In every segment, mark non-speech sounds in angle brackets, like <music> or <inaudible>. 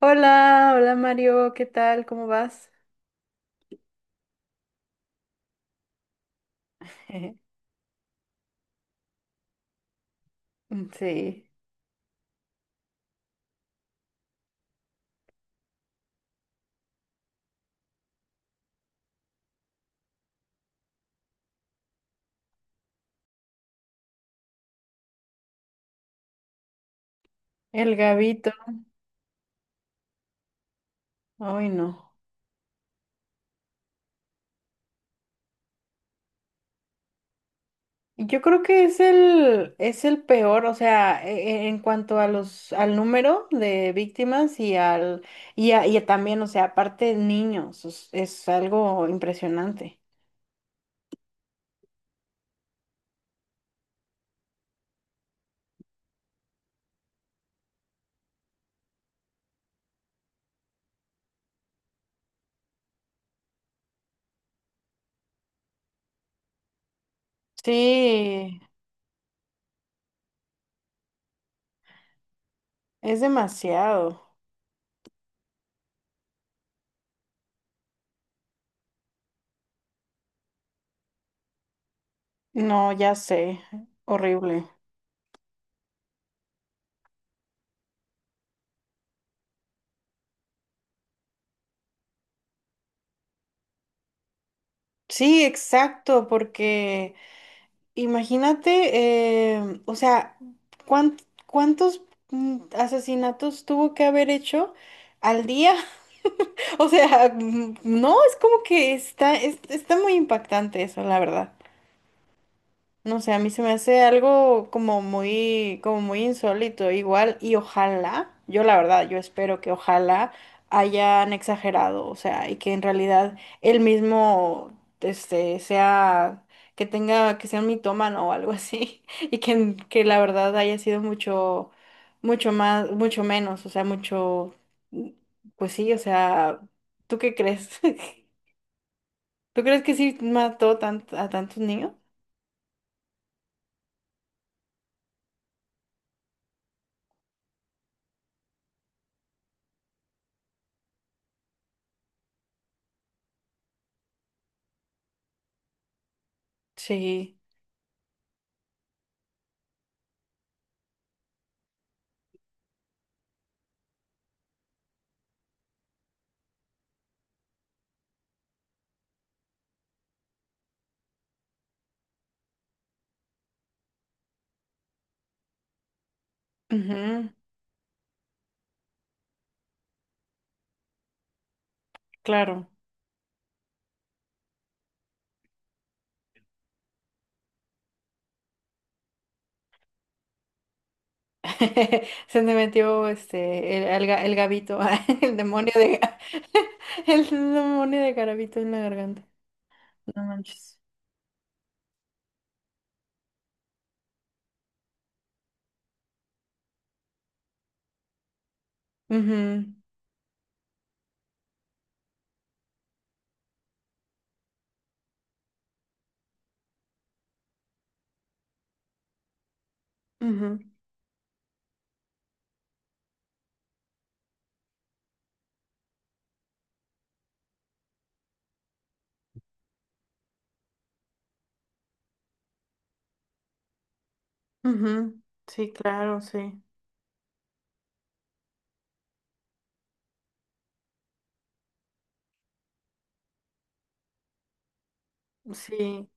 Hola, hola Mario, ¿qué tal? ¿Cómo vas? <laughs> Sí, el Gavito, ay no. Yo creo que es el peor, o sea, en cuanto a los, al número de víctimas y al, y también, o sea, aparte niños, es algo impresionante. Sí, es demasiado. No, ya sé, horrible. Sí, exacto, porque, imagínate, o sea, cuán- ¿cuántos asesinatos tuvo que haber hecho al día? <laughs> O sea, no, es como que está, está muy impactante eso, la verdad. No sé, a mí se me hace algo como muy insólito, igual, y ojalá, yo la verdad, yo espero que ojalá hayan exagerado, o sea, y que en realidad él mismo, este, sea, que tenga, que sea un mitómano o algo así, <laughs> y que, que la verdad haya sido mucho, mucho más, mucho menos, o sea, mucho, pues sí, o sea, ¿tú qué crees? <laughs> ¿Tú crees que sí mató a tantos niños? Sí. Ujú. Claro. <laughs> Se me metió este el gabito, <laughs> el demonio de ga- <laughs> el demonio de garabito en la garganta. No manches. Ujú, ujú, ujú. Sí, claro, sí. Sí.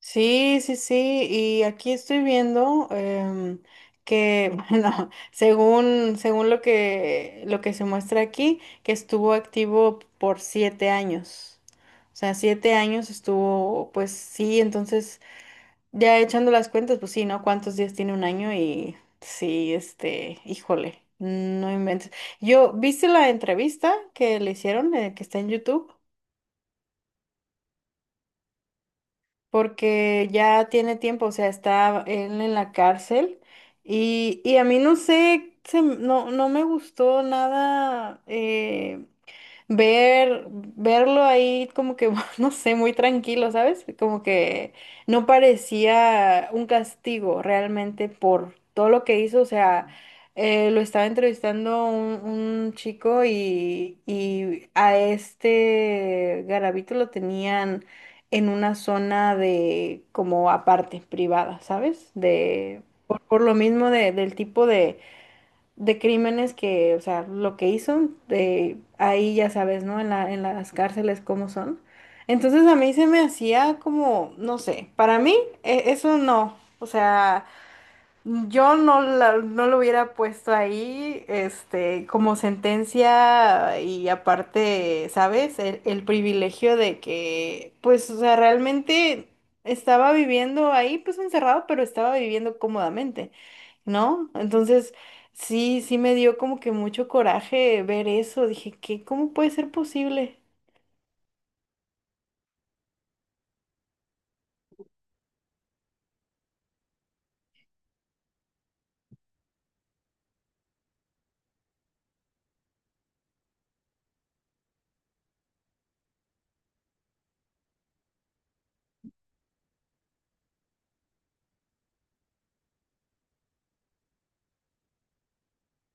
Sí, sí, sí. Y aquí estoy viendo, que, <laughs> bueno, según lo que se muestra aquí, que estuvo activo por 7 años. O sea, 7 años estuvo, pues sí, entonces. Ya echando las cuentas, pues sí, ¿no? ¿Cuántos días tiene un año? Y sí, este, híjole, no inventes. Yo, ¿viste la entrevista que le hicieron, que está en YouTube? Porque ya tiene tiempo, o sea, está él en la cárcel, y a mí no sé, no, no me gustó nada. Verlo ahí como que, <laughs> no sé, muy tranquilo, ¿sabes? Como que no parecía un castigo realmente por todo lo que hizo, o sea... Lo estaba entrevistando un chico, y a este Garavito lo tenían en una zona de como aparte, privada, ¿sabes? De por lo mismo del tipo de crímenes que, o sea, lo que hizo, de ahí ya sabes, ¿no? En las cárceles cómo son. Entonces a mí se me hacía como, no sé, para mí eso no, o sea... Yo no, no lo hubiera puesto ahí, este, como sentencia y aparte, ¿sabes? El privilegio de que, pues, o sea, realmente estaba viviendo ahí, pues, encerrado, pero estaba viviendo cómodamente, ¿no? Entonces, sí, sí me dio como que mucho coraje ver eso. Dije, ¿qué? ¿Cómo puede ser posible?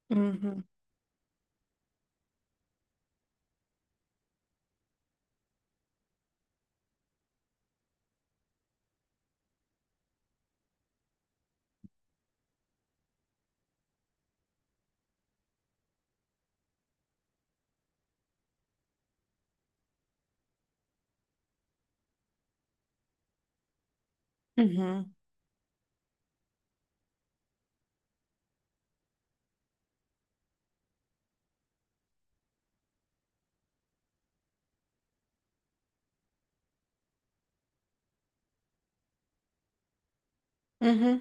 Ujú, ujú, ujú.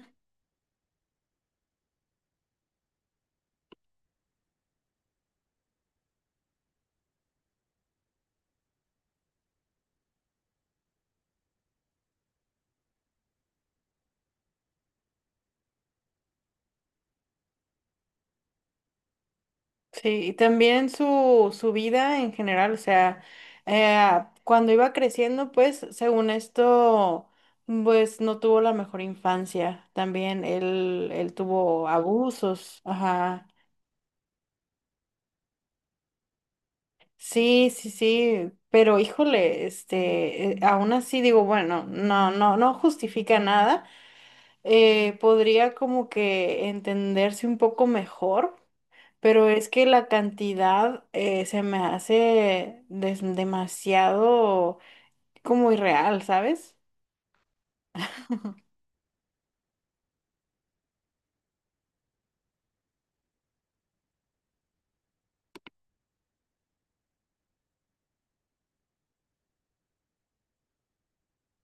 Sí, y también su vida en general, o sea, cuando iba creciendo, pues, según esto, pues no tuvo la mejor infancia. También él tuvo abusos, ajá. Sí, sí, sí, pero híjole, este, aún así digo, bueno, no, no, no justifica nada. Podría como que entenderse un poco mejor. Pero es que la cantidad, se me hace demasiado como irreal, ¿sabes?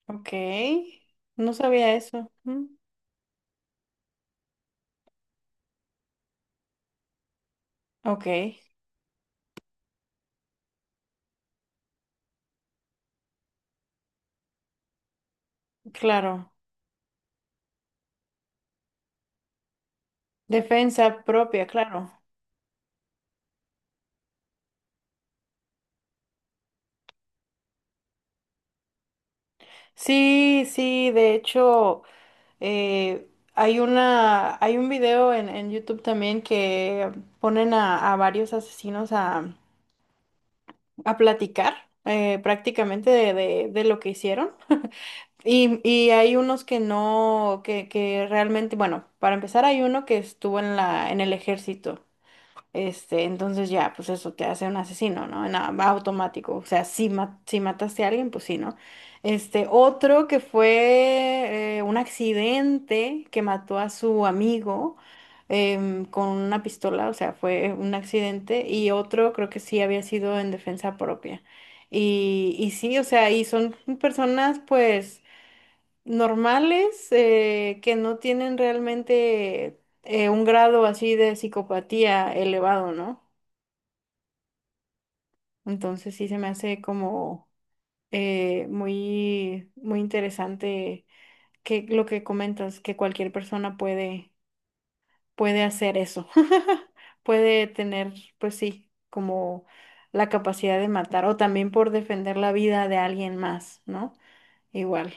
Ok, no sabía eso. Mm. Ok, claro. Defensa propia, claro. Sí, sí, de hecho, eh, hay una, hay un video en YouTube también que ponen a varios asesinos a platicar, prácticamente de, de lo que hicieron. Y hay unos que no, que realmente, bueno, para empezar hay uno que estuvo en la, en el ejército. Este, entonces ya, pues eso te hace un asesino, ¿no? En automático. O sea, si mataste a alguien, pues sí, ¿no? Este, otro que fue, un accidente que mató a su amigo, con una pistola, o sea, fue un accidente. Y otro creo que sí había sido en defensa propia. Y sí, o sea, y son personas, pues normales, que no tienen realmente, un grado así de psicopatía elevado, ¿no? Entonces sí se me hace como, muy, muy interesante que lo que comentas, que cualquier persona puede hacer eso, <laughs> puede tener, pues sí, como la capacidad de matar o también por defender la vida de alguien más, ¿no? Igual.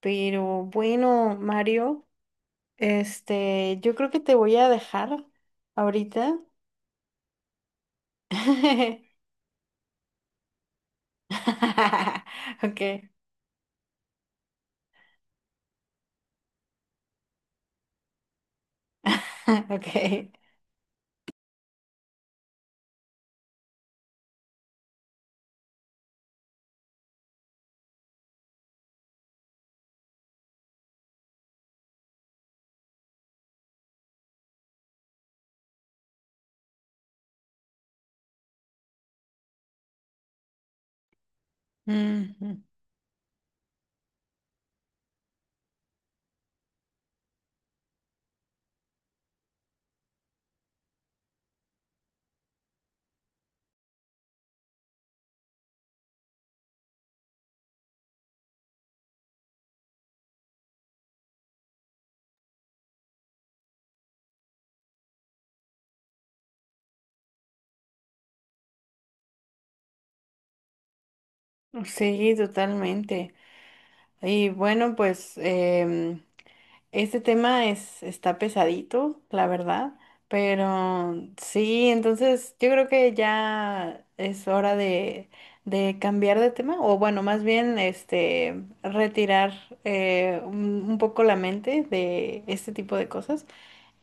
Pero bueno, Mario. Este, yo creo que te voy a dejar ahorita. <laughs> Ok. <laughs> Ok. Ujú. Sí, totalmente. Y bueno, pues, este tema es, está pesadito, la verdad. Pero sí, entonces yo creo que ya es hora de cambiar de tema. O bueno, más bien este retirar, un poco la mente de este tipo de cosas.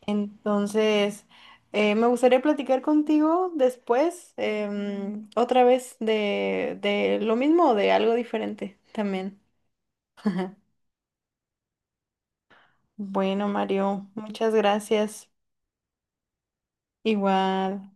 Entonces, me gustaría platicar contigo después, otra vez de lo mismo o de algo diferente también. <laughs> Bueno, Mario, muchas gracias. Igual.